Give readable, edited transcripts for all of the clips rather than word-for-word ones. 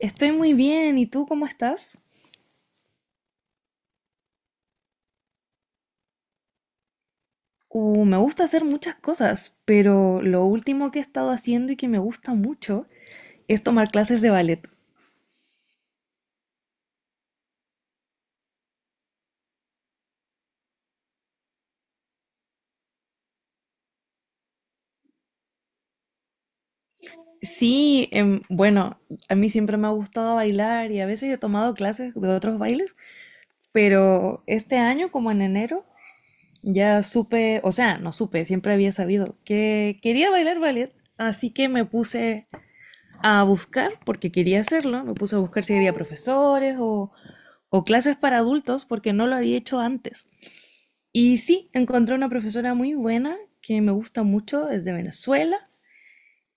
Estoy muy bien, ¿y tú cómo estás? Me gusta hacer muchas cosas, pero lo último que he estado haciendo y que me gusta mucho es tomar clases de ballet. Sí, bueno, a mí siempre me ha gustado bailar y a veces he tomado clases de otros bailes, pero este año, como en enero, ya supe, o sea, no supe, siempre había sabido que quería bailar ballet, así que me puse a buscar, porque quería hacerlo, me puse a buscar si había profesores o clases para adultos, porque no lo había hecho antes. Y sí, encontré una profesora muy buena que me gusta mucho desde Venezuela.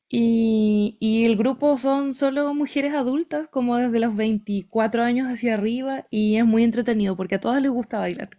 Y el grupo son solo mujeres adultas, como desde los 24 años hacia arriba, y es muy entretenido porque a todas les gusta bailar.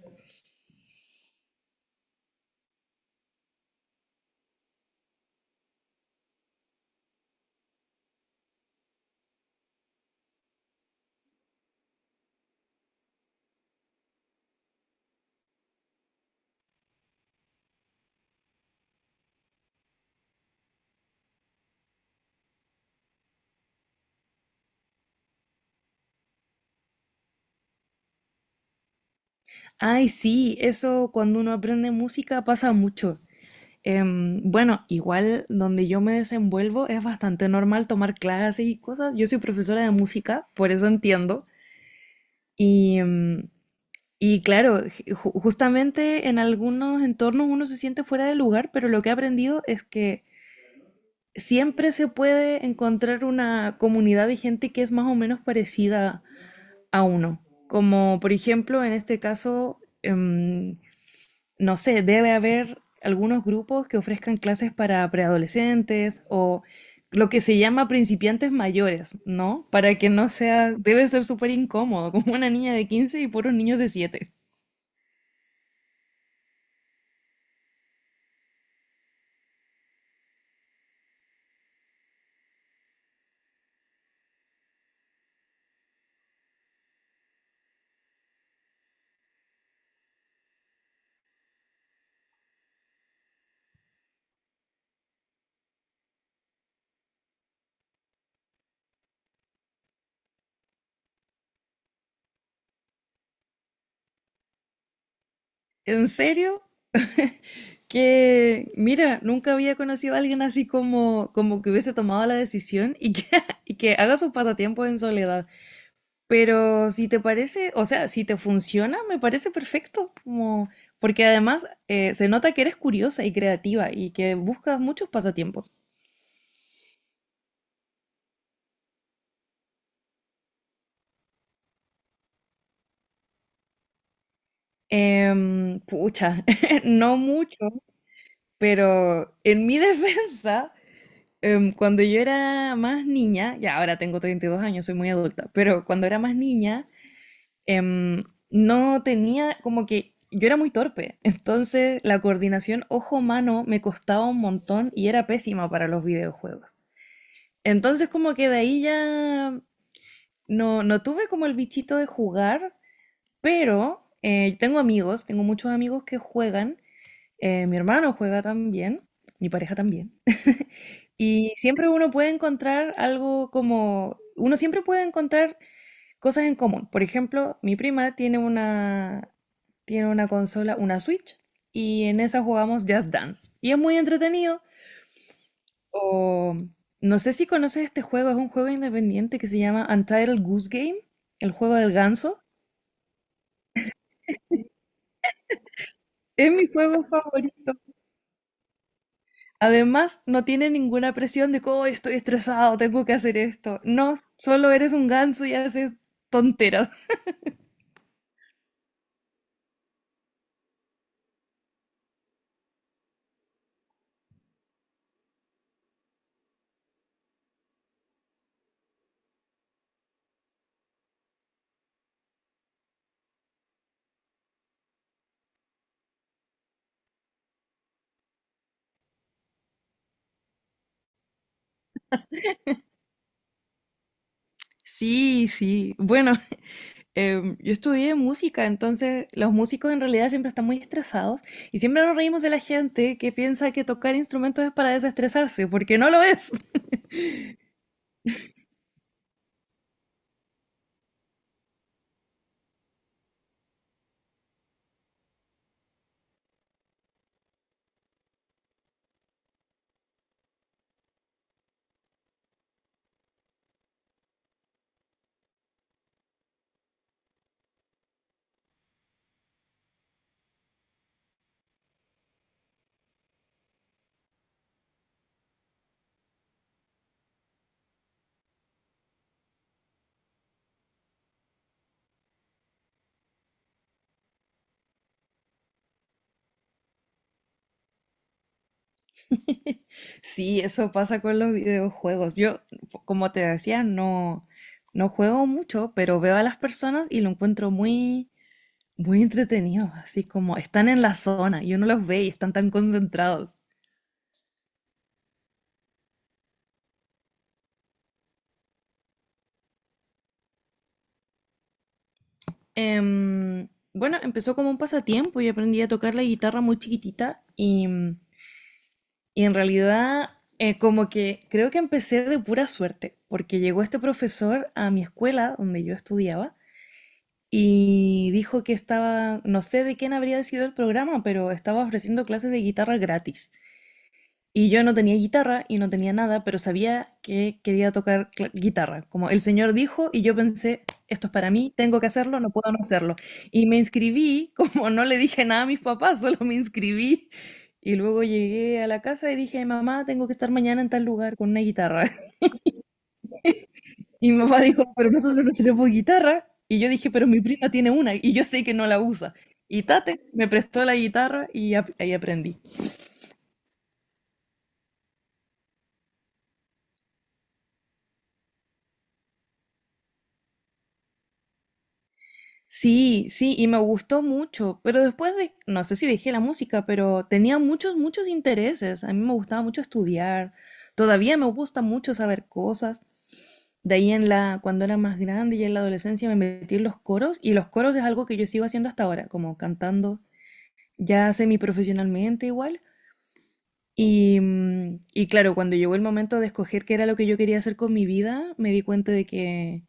Ay, sí, eso cuando uno aprende música pasa mucho. Bueno, igual donde yo me desenvuelvo es bastante normal tomar clases y cosas. Yo soy profesora de música, por eso entiendo. Y, em, y claro, justamente en algunos entornos uno se siente fuera de lugar, pero lo que he aprendido es que siempre se puede encontrar una comunidad de gente que es más o menos parecida a uno. Como por ejemplo, en este caso, no sé, debe haber algunos grupos que ofrezcan clases para preadolescentes o lo que se llama principiantes mayores, ¿no? Para que no sea, debe ser súper incómodo, como una niña de 15 y puros niños de 7. ¿En serio? Que, mira, nunca había conocido a alguien así como, como que hubiese tomado la decisión y que, y que haga sus pasatiempos en soledad. Pero si te parece, o sea, si te funciona, me parece perfecto, como, porque además se nota que eres curiosa y creativa y que buscas muchos pasatiempos. Pucha, no mucho, pero en mi defensa, cuando yo era más niña, ya ahora tengo 32 años, soy muy adulta, pero cuando era más niña, em, no tenía como que yo era muy torpe, entonces la coordinación ojo-mano me costaba un montón y era pésima para los videojuegos. Entonces como que de ahí ya no, no tuve como el bichito de jugar, pero tengo amigos, tengo muchos amigos que juegan, mi hermano juega también, mi pareja también. Y siempre uno puede encontrar algo como, uno siempre puede encontrar cosas en común. Por ejemplo, mi prima tiene una consola, una Switch, y en esa jugamos Just Dance. Y es muy entretenido. O no sé si conoces este juego, es un juego independiente que se llama Untitled Goose Game, el juego del ganso. Es mi juego favorito. Además, no tiene ninguna presión de que: "Oh, estoy estresado, tengo que hacer esto. No, solo eres un ganso y haces tonteras". Sí, sí. Bueno, yo estudié música, entonces los músicos en realidad siempre están muy estresados y siempre nos reímos de la gente que piensa que tocar instrumentos es para desestresarse, porque no lo es. Sí, eso pasa con los videojuegos. Yo, como te decía, no, no juego mucho, pero veo a las personas y lo encuentro muy, muy entretenido, así como están en la zona y uno los ve y están tan concentrados. Em, bueno, empezó como un pasatiempo y aprendí a tocar la guitarra muy chiquitita Y en realidad, como que creo que empecé de pura suerte, porque llegó este profesor a mi escuela donde yo estudiaba y dijo que estaba, no sé de quién habría sido el programa, pero estaba ofreciendo clases de guitarra gratis. Y yo no tenía guitarra y no tenía nada, pero sabía que quería tocar guitarra. Como el señor dijo, y yo pensé, esto es para mí, tengo que hacerlo, no puedo no hacerlo. Y me inscribí, como no le dije nada a mis papás, solo me inscribí. Y luego llegué a la casa y dije: mamá, tengo que estar mañana en tal lugar con una guitarra. Y mi papá dijo: pero nosotros no tenemos guitarra. Y yo dije: pero mi prima tiene una y yo sé que no la usa. Y Tate me prestó la guitarra y ahí aprendí. Sí, sí, y me gustó mucho, pero después de, no sé si dejé la música, pero tenía muchos, muchos intereses. A mí me gustaba mucho estudiar, todavía me gusta mucho saber cosas. De ahí en la, cuando era más grande y en la adolescencia me metí en los coros y los coros es algo que yo sigo haciendo hasta ahora, como cantando ya semiprofesionalmente igual. Y claro, cuando llegó el momento de escoger qué era lo que yo quería hacer con mi vida, me di cuenta de que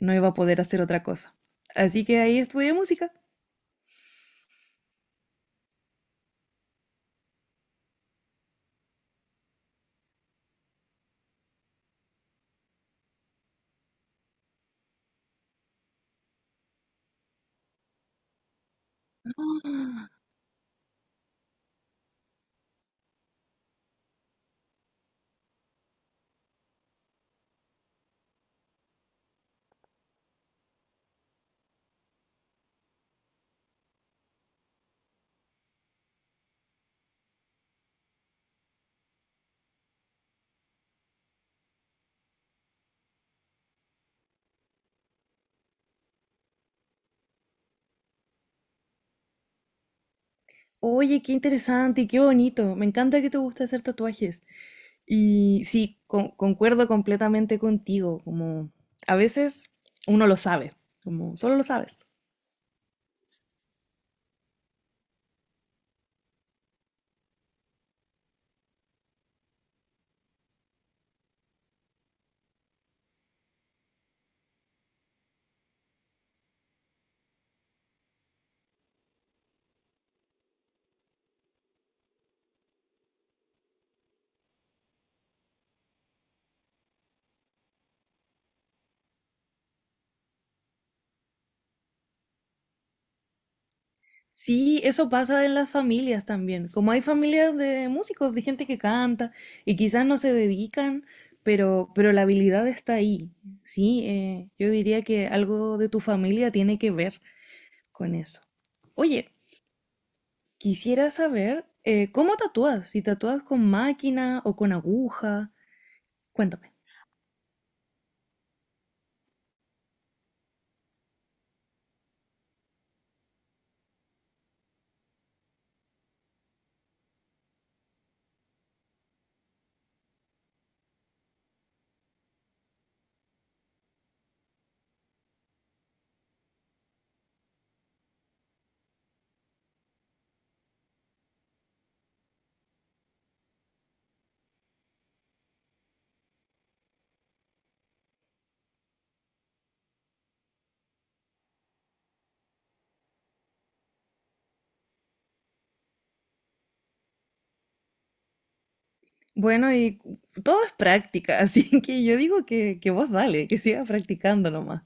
no iba a poder hacer otra cosa. Así que ahí estudié música. Ah, oye, qué interesante y qué bonito. Me encanta que te guste hacer tatuajes. Y sí, concuerdo completamente contigo. Como a veces uno lo sabe, como solo lo sabes. Sí, eso pasa en las familias también. Como hay familias de músicos, de gente que canta y quizás no se dedican, pero la habilidad está ahí. Sí, yo diría que algo de tu familia tiene que ver con eso. Oye, quisiera saber cómo tatúas, si tatúas con máquina o con aguja. Cuéntame. Bueno, y todo es práctica, así que yo digo que vos dale, que sigas practicando nomás.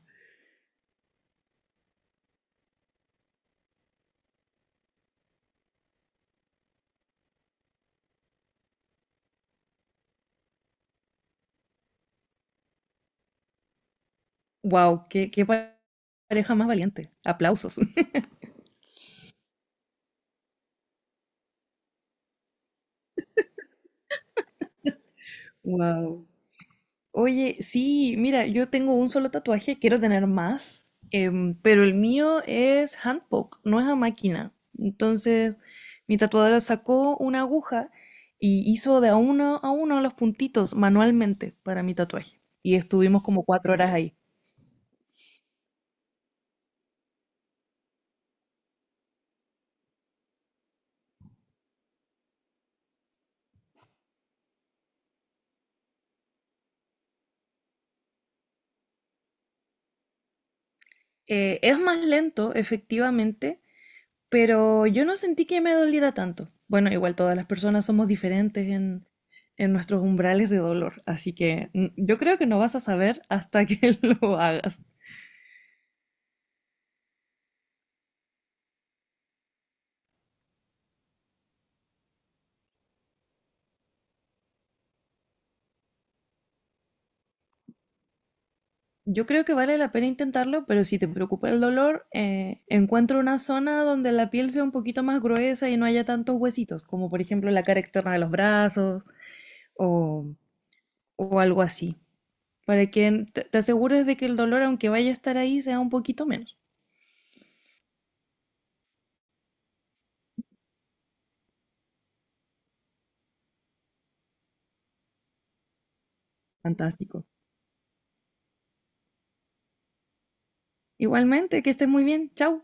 Wow, qué pareja más valiente. Aplausos. Wow. Oye, sí, mira, yo tengo un solo tatuaje, quiero tener más, pero el mío es handpoke, no es a máquina. Entonces, mi tatuadora sacó una aguja y hizo de a uno los puntitos manualmente para mi tatuaje. Y estuvimos como 4 horas ahí. Es más lento, efectivamente, pero yo no sentí que me doliera tanto. Bueno, igual todas las personas somos diferentes en nuestros umbrales de dolor, así que yo creo que no vas a saber hasta que lo hagas. Yo creo que vale la pena intentarlo, pero si te preocupa el dolor, encuentra una zona donde la piel sea un poquito más gruesa y no haya tantos huesitos, como por ejemplo la cara externa de los brazos o, o algo así, para que te asegures de que el dolor, aunque vaya a estar ahí, sea un poquito menos. Fantástico. Igualmente, que estés muy bien. Chao.